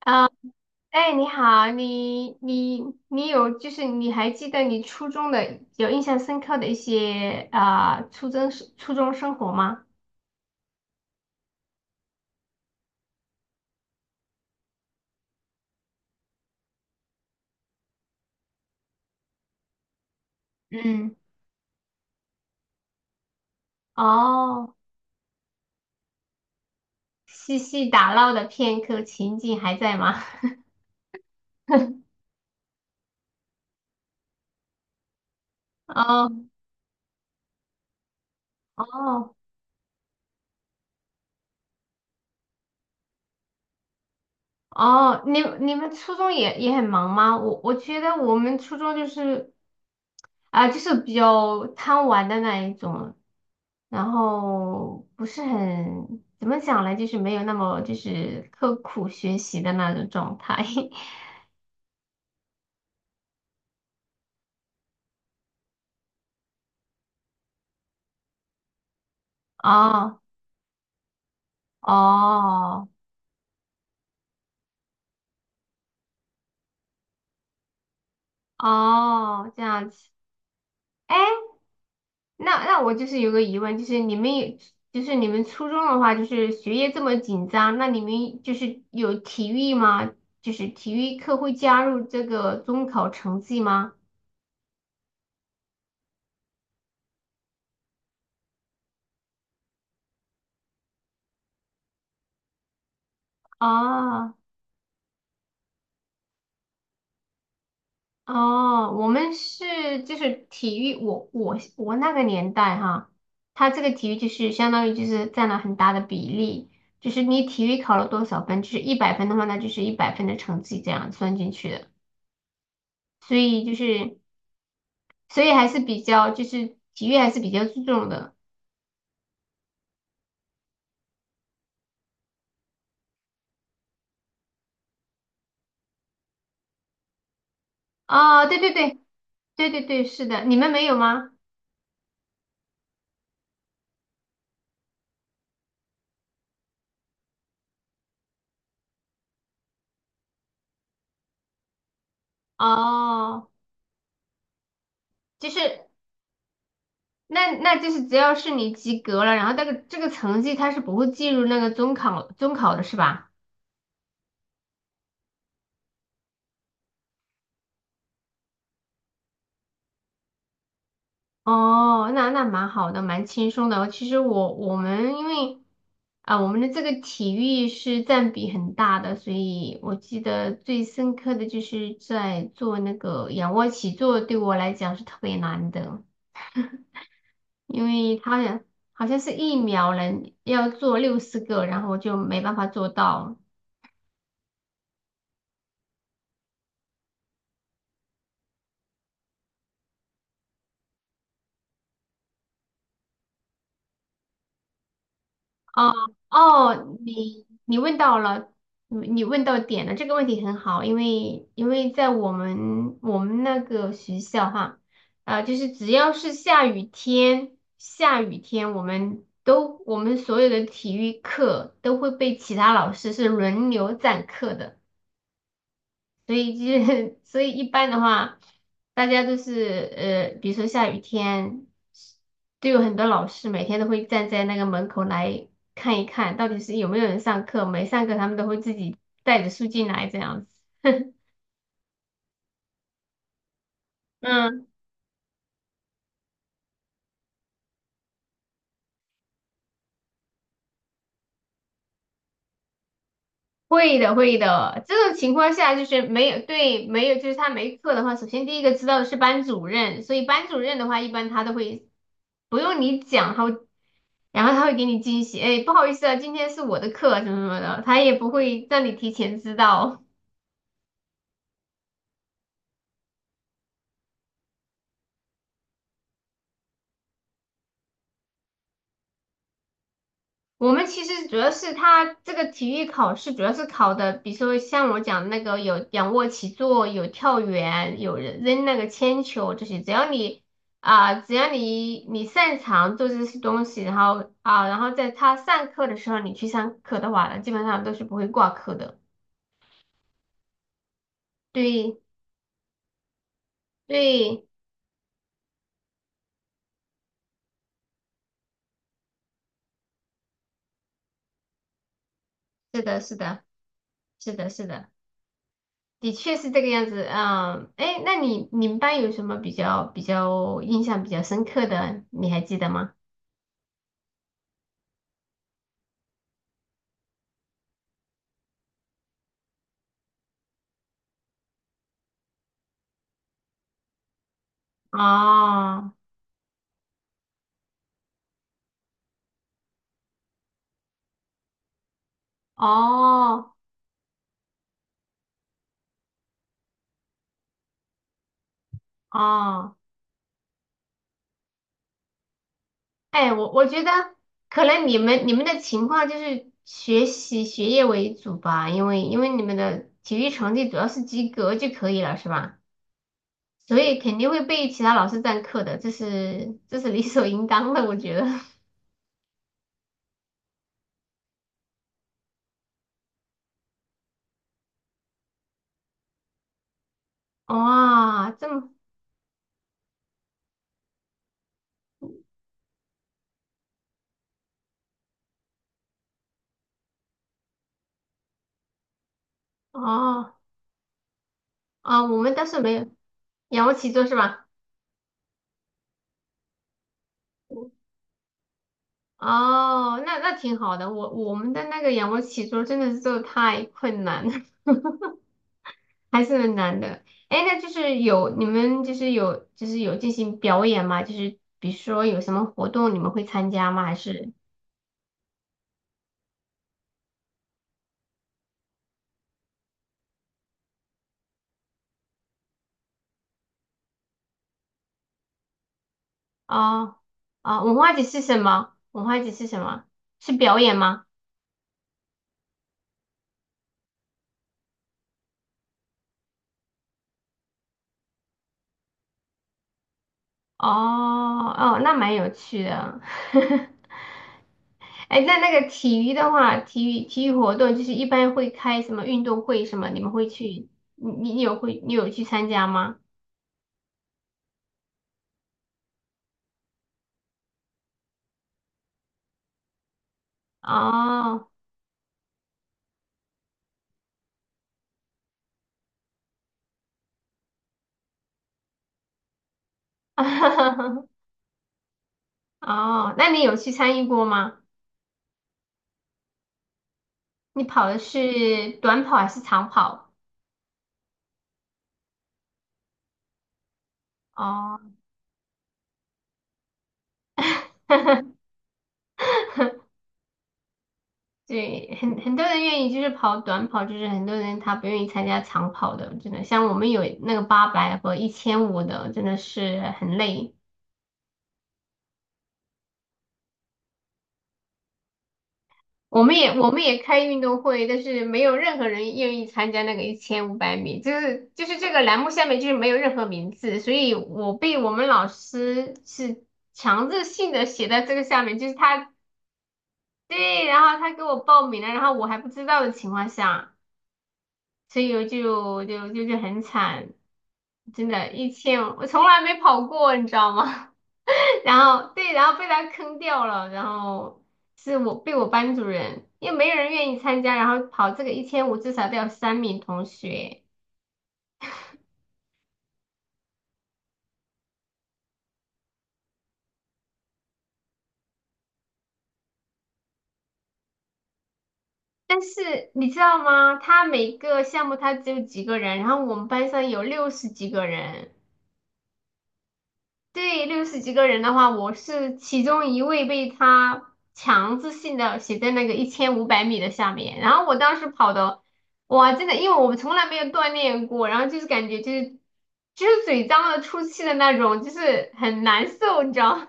啊，哎，你好，你你你有就是你还记得你初中的有印象深刻的一些初中生活吗？嗯，哦，嬉戏打闹的片刻情景还在吗？哦哦哦，你们初中也很忙吗？我觉得我们初中就是就是比较贪玩的那一种，然后不是很，怎么讲呢？就是没有那么就是刻苦学习的那种状态。哦哦哦，这样子。哎，那我就是有个疑问，你们初中的话，就是学业这么紧张，那你们就是有体育吗？就是体育课会加入这个中考成绩吗？啊。哦，我们是就是体育，我那个年代哈，他这个体育就是相当于就是占了很大的比例，就是你体育考了多少分，就是一百分的话，那就是一百分的成绩这样算进去的，所以就是所以还是比较就是体育还是比较注重的。哦，对对对对对对，是的，你们没有吗？哦，就是那就是只要是你及格了，然后这个成绩它是不会计入那个中考的是吧？哦，那蛮好的，蛮轻松的。其实我们因为啊，我们的这个体育是占比很大的，所以我记得最深刻的就是在做那个仰卧起坐，对我来讲是特别难的，因为它好像是一秒能要做60个，然后我就没办法做到。哦哦，你问到了，你问到点了，这个问题很好，因为在我们那个学校哈，啊，就是只要是下雨天，下雨天我们所有的体育课都会被其他老师是轮流占课的。所以就是 所以一般的话，大家都是比如说下雨天，都有很多老师每天都会站在那个门口来看一看，到底是有没有人上课，没上课他们都会自己带着书进来这样子。嗯，会的，会的。这种情况下就是没有，对，没有，就是他没课的话，首先第一个知道的是班主任，所以班主任的话，一般他都会不用你讲，他会。然后他会给你惊喜，哎，不好意思啊，今天是我的课什么什么的，他也不会让你提前知道。我们其实主要是他这个体育考试，主要是考的，比如说像我讲的那个有仰卧起坐，有跳远，有人扔那个铅球这些，只要你只要你擅长做这些东西，然后在他上课的时候你去上课的话呢基本上都是不会挂科的。对对，是的，是的，是的，是的。的确是这个样子，嗯，哎，那你们班有什么比较印象比较深刻的，你还记得吗？哦哦哦，哎，我觉得可能你们的情况就是学业为主吧，因为你们的体育成绩主要是及格就可以了，是吧？所以肯定会被其他老师占课的，这是理所应当的，我觉得。哇，这么哦我们倒是没有仰卧起坐是吧？哦，那挺好的。我们的那个仰卧起坐真的是做的太困难了，还是很难的。哎，那就是有你们就是有就是有进行表演吗？就是比如说有什么活动你们会参加吗？还是哦哦，文化节是什么？文化节是什么？是表演吗？哦哦，那蛮有趣的。哎，那体育的话，体育活动就是一般会开什么运动会什么，你们会去，你有去参加吗？哦，哦，那你有去参与过吗？你跑的是短跑还是长跑？哦，对，很多人愿意就是跑短跑，就是很多人他不愿意参加长跑的，真的，像我们有那个八百和一千五的，真的是很累。我们也开运动会，但是没有任何人愿意参加那个一千五百米，就是这个栏目下面就是没有任何名字，所以我被我们老师是强制性的写在这个下面，就是他对，然后他给我报名了，然后我还不知道的情况下，所以我就很惨，真的，一千我从来没跑过，你知道吗？然后对，然后被他坑掉了，然后是我被我班主任，因为没有人愿意参加，然后跑这个一千五至少都要三名同学。但是你知道吗？他每个项目他只有几个人，然后我们班上有六十几个人，对，六十几个人的话，我是其中一位被他强制性的写在那个一千五百米的下面，然后我当时跑的，哇，真的，因为我们从来没有锻炼过，然后就是感觉就是嘴张了出气的那种，就是很难受，你知道吗？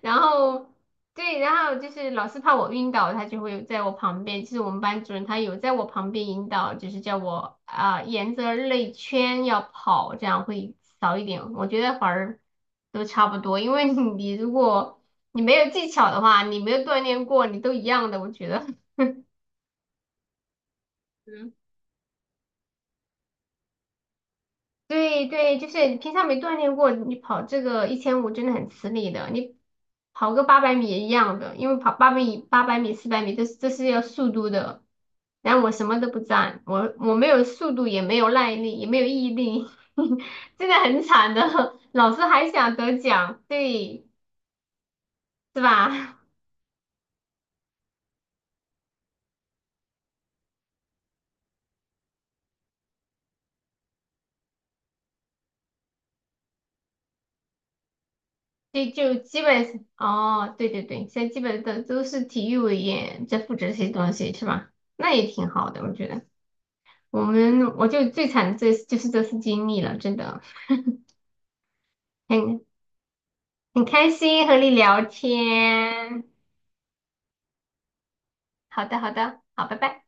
然后对，然后就是老师怕我晕倒，他就会在我旁边，其实我们班主任他有在我旁边引导，就是叫我沿着内圈要跑，这样会少一点。我觉得反而都差不多，因为你如果你没有技巧的话，你没有锻炼过，你都一样的，我觉得。对对，就是你平常没锻炼过，你跑这个一千五真的很吃力的。你跑个八百米也一样的，因为跑八百米、400米，这是要速度的。然后我什么都不占，我没有速度，也没有耐力，也没有毅力，真的很惨的。老师还想得奖，对，是吧？对，就基本是哦，对对对，现在基本的都是体育委员在负责这些东西，是吧？那也挺好的，我觉得。我就最惨的这就是这次经历了，真的很很开心和你聊天。好的，好的，好，拜拜。